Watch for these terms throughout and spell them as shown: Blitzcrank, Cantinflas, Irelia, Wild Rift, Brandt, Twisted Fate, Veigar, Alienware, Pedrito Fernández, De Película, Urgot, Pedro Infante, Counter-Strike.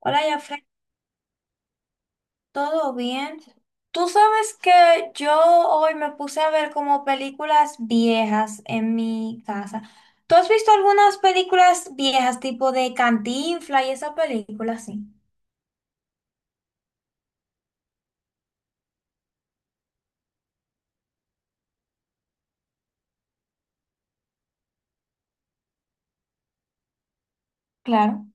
Hola, Jafre, ¿todo bien? Tú sabes que yo hoy me puse a ver como películas viejas en mi casa. ¿Tú has visto algunas películas viejas, tipo de Cantinflas y esa película? Sí. Claro.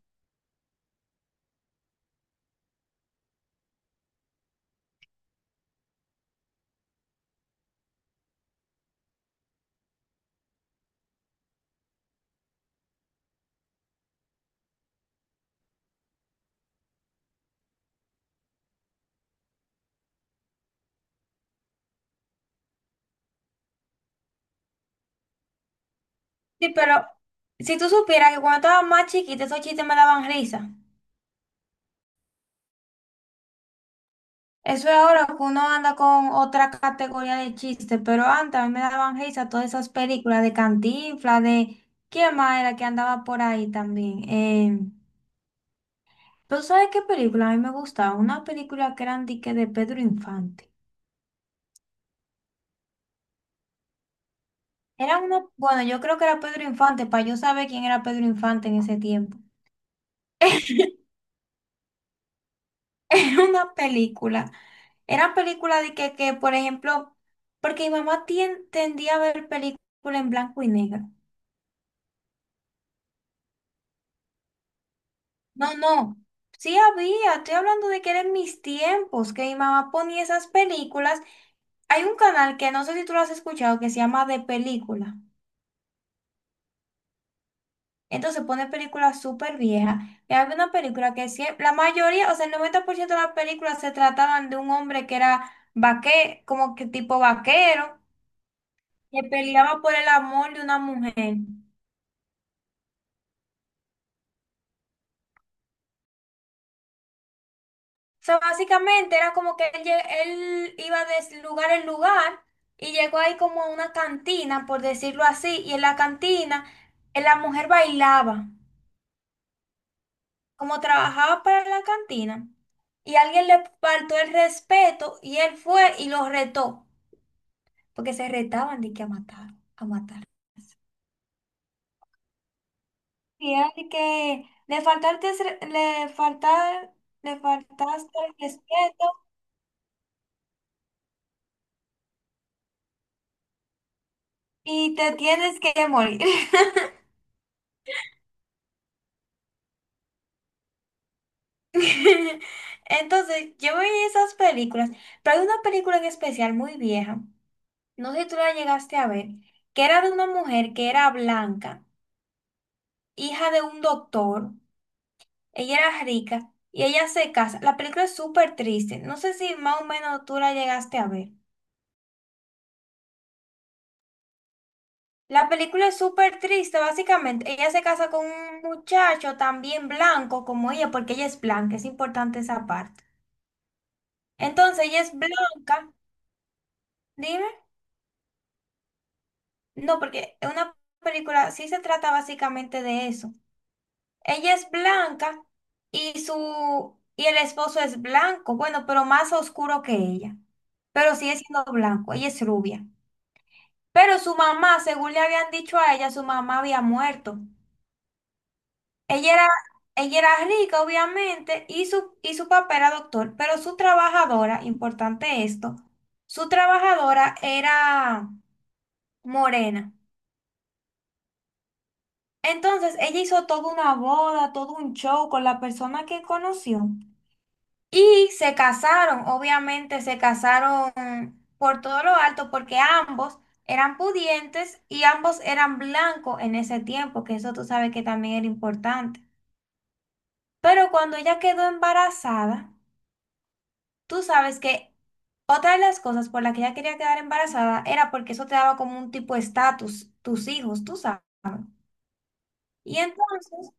Sí, pero si tú supieras que cuando estaba más chiquita, esos chistes me daban risa. Eso es ahora que uno anda con otra categoría de chistes, pero antes a mí me daban risa todas esas películas de Cantinflas, de... ¿Quién más era que andaba por ahí también? ¿Tú sabes qué película a mí me gustaba? Una película que eran dique de Pedro Infante. Era una, bueno, yo creo que era Pedro Infante, para yo saber quién era Pedro Infante en ese tiempo. Era una película. Eran película de que, por ejemplo, porque mi mamá tendía a ver películas en blanco y negro. No, no. Sí había, estoy hablando de que eran mis tiempos, que mi mamá ponía esas películas. Hay un canal que no sé si tú lo has escuchado que se llama De Película. Entonces pone películas súper viejas. Y había una película que siempre, la mayoría, o sea, el 90% de las películas se trataban de un hombre que era vaquero, como que tipo vaquero, que peleaba por el amor de una mujer. O sea, básicamente era como que él iba de lugar en lugar y llegó ahí como a una cantina, por decirlo así, y en la cantina la mujer bailaba, como trabajaba para la cantina, y alguien le faltó el respeto y él fue y lo retó. Porque se retaban de que a matar, a matar. Y era de que le faltaste, le faltar, le faltaste el respeto y te tienes que morir. Entonces, yo veía esas películas, pero hay una película en especial muy vieja, no sé si tú la llegaste a ver, que era de una mujer que era blanca, hija de un doctor, ella era rica y ella se casa. La película es súper triste, no sé si más o menos tú la llegaste a ver. La película es súper triste, básicamente. Ella se casa con un muchacho también blanco como ella, porque ella es blanca, es importante esa parte. Entonces, ella es blanca, dime. No, porque es una película sí se trata básicamente de eso. Ella es blanca y su y el esposo es blanco, bueno, pero más oscuro que ella. Pero sigue siendo blanco, ella es rubia. Pero su mamá, según le habían dicho a ella, su mamá había muerto. Ella era, ella era rica, obviamente, y su papá era doctor, pero su trabajadora, importante esto, su trabajadora era morena. Entonces, ella hizo toda una boda, todo un show con la persona que conoció. Y se casaron, obviamente, se casaron por todo lo alto, porque ambos eran pudientes y ambos eran blancos en ese tiempo, que eso tú sabes que también era importante. Pero cuando ella quedó embarazada, tú sabes que otra de las cosas por las que ella quería quedar embarazada era porque eso te daba como un tipo de estatus, tus hijos, tú sabes. Y entonces,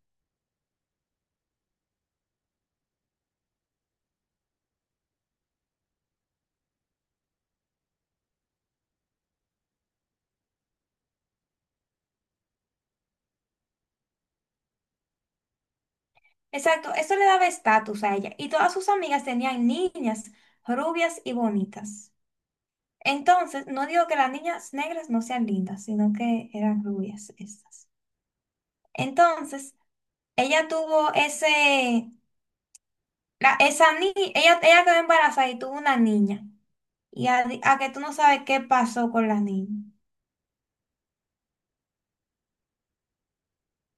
exacto, eso le daba estatus a ella. Y todas sus amigas tenían niñas rubias y bonitas. Entonces, no digo que las niñas negras no sean lindas, sino que eran rubias estas. Entonces, ella tuvo esa niña, ella quedó embarazada y tuvo una niña. Y a que tú no sabes qué pasó con la niña.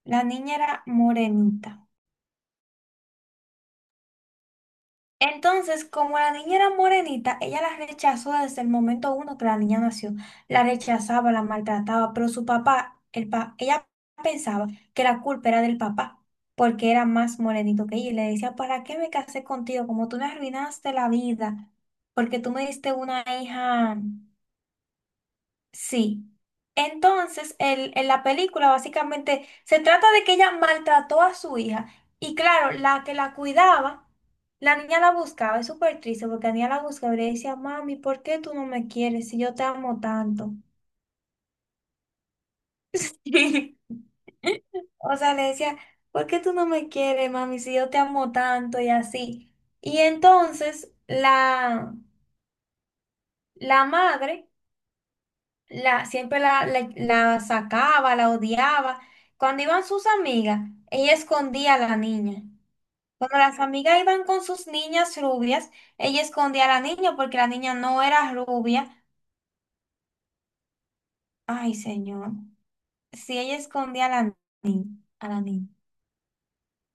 La niña era morenita. Entonces, como la niña era morenita, ella la rechazó desde el momento uno que la niña nació. La rechazaba, la maltrataba, pero su papá, ella pensaba que la culpa era del papá, porque era más morenito que ella. Y le decía, ¿para qué me casé contigo? Como tú me arruinaste la vida, porque tú me diste una hija. Sí. Entonces, en la película básicamente se trata de que ella maltrató a su hija y claro, la que la cuidaba, la niña la buscaba, es súper triste porque la niña la buscaba y le decía, mami, ¿por qué tú no me quieres si yo te amo tanto? O sea, le decía, ¿por qué tú no me quieres, mami, si yo te amo tanto y así? Y entonces la madre... la, siempre la sacaba, la odiaba. Cuando iban sus amigas, ella escondía a la niña. Cuando las amigas iban con sus niñas rubias, ella escondía a la niña porque la niña no era rubia. Ay, señor. Si ella escondía a niña, a la niña.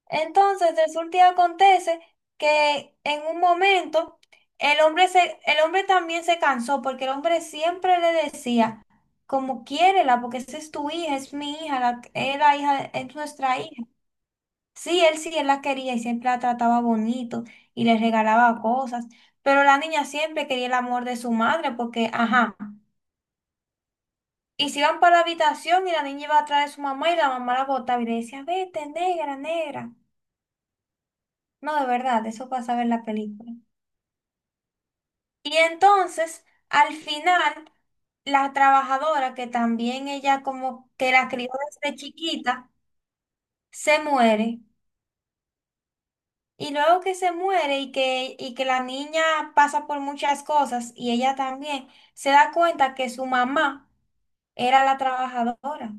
Entonces, resulta y acontece que en un momento el hombre también se cansó porque el hombre siempre le decía, como quiérela, porque esa es tu hija, es mi hija, es la hija, es nuestra hija. Sí, él la quería y siempre la trataba bonito y le regalaba cosas, pero la niña siempre quería el amor de su madre porque, ajá, y se iban para la habitación y la niña iba atrás de su mamá y la mamá la botaba y le decía, vete, negra, negra. No, de verdad, eso pasaba en la película. Y entonces, al final, la trabajadora, que también ella como que la crió desde chiquita, se muere. Y luego que se muere y que la niña pasa por muchas cosas y ella también se da cuenta que su mamá era la trabajadora.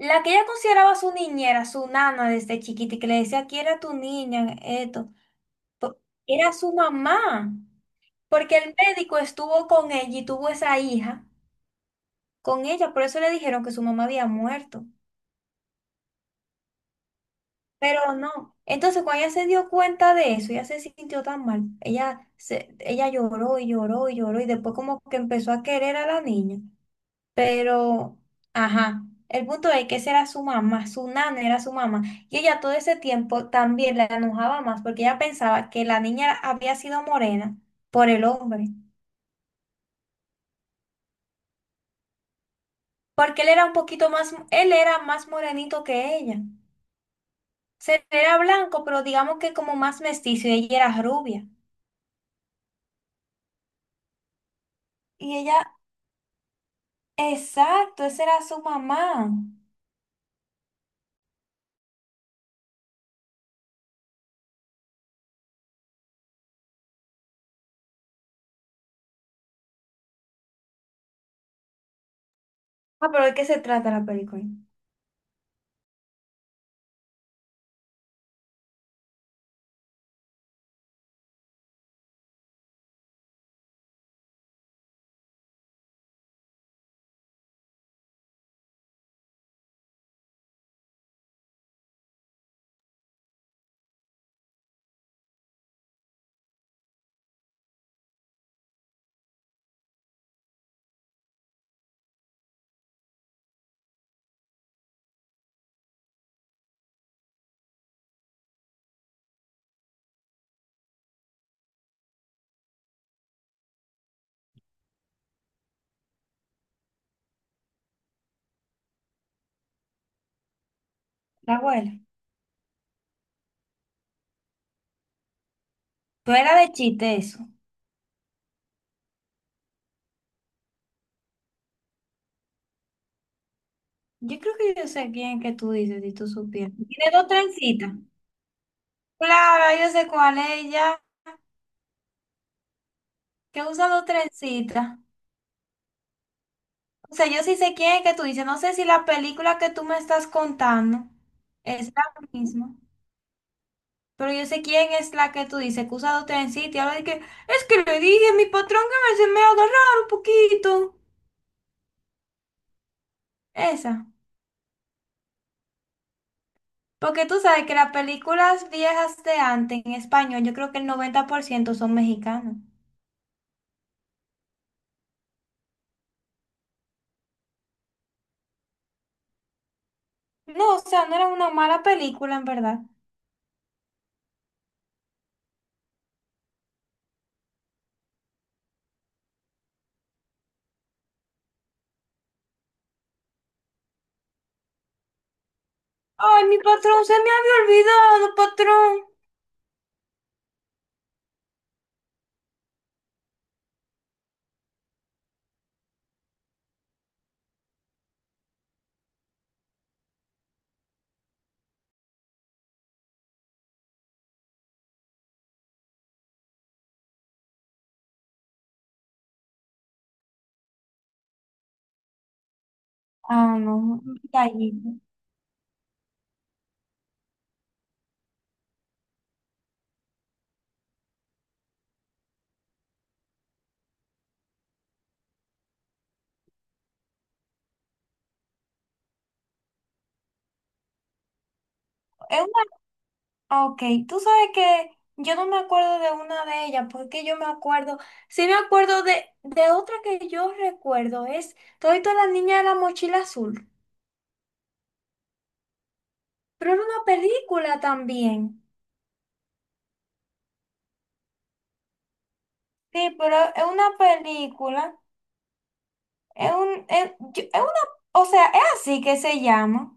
La que ella consideraba su niñera, su nana desde chiquita y que le decía, aquí era tu niña, esto, po- era su mamá. Porque el médico estuvo con ella y tuvo esa hija. Con ella, por eso le dijeron que su mamá había muerto, pero no. Entonces, cuando ella se dio cuenta de eso, ella se sintió tan mal. Ella lloró y lloró y lloró y después como que empezó a querer a la niña. Pero, ajá, el punto es que esa era su mamá, su nana era su mamá. Y ella todo ese tiempo también la enojaba más porque ella pensaba que la niña había sido morena por el hombre, porque él era un poquito más, él era más morenito que ella. Era blanco, pero digamos que como más mestizo y ella era rubia. Y ella, exacto, esa era su mamá. Ah, pero ¿de qué se trata la película? La abuela. Pero era de chiste eso. Yo creo que yo sé quién que tú dices, si tú supieras. Tiene dos trencitas. Claro, yo sé cuál es ella, que usa dos trencitas. O sea, yo sí sé quién es que tú dices. No sé si la película que tú me estás contando es la misma. Pero yo sé quién es la que tú dices que usa dos trencitos y ahora de que es que le dije a mi patrón que se me agarrara un poquito. Esa. Porque tú sabes que las películas viejas de antes en español, yo creo que el 90% son mexicanos. No, o sea, no era una mala película en verdad. Ay, mi patrón, se me había olvidado, patrón. Ah, no, un detallito. Es Ok, tú sabes que yo no me acuerdo de una de ellas, porque yo me acuerdo, sí me acuerdo de otra que yo recuerdo, es Todito la niña de la mochila azul, pero era una película también. Sí, pero es una película, es una, o sea, es así que se llama.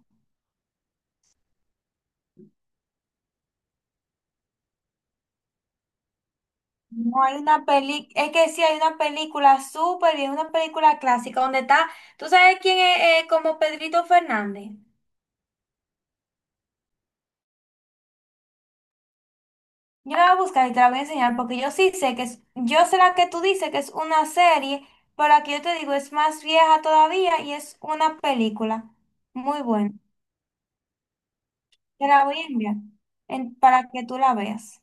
No hay una peli, es que sí hay una película súper y es una película clásica donde está, ¿tú sabes quién es como Pedrito Fernández? Yo la voy a buscar y te la voy a enseñar porque yo sí sé que es, yo sé la que tú dices que es una serie, pero aquí yo te digo es más vieja todavía y es una película. Muy buena. Te la voy a enviar para que tú la veas.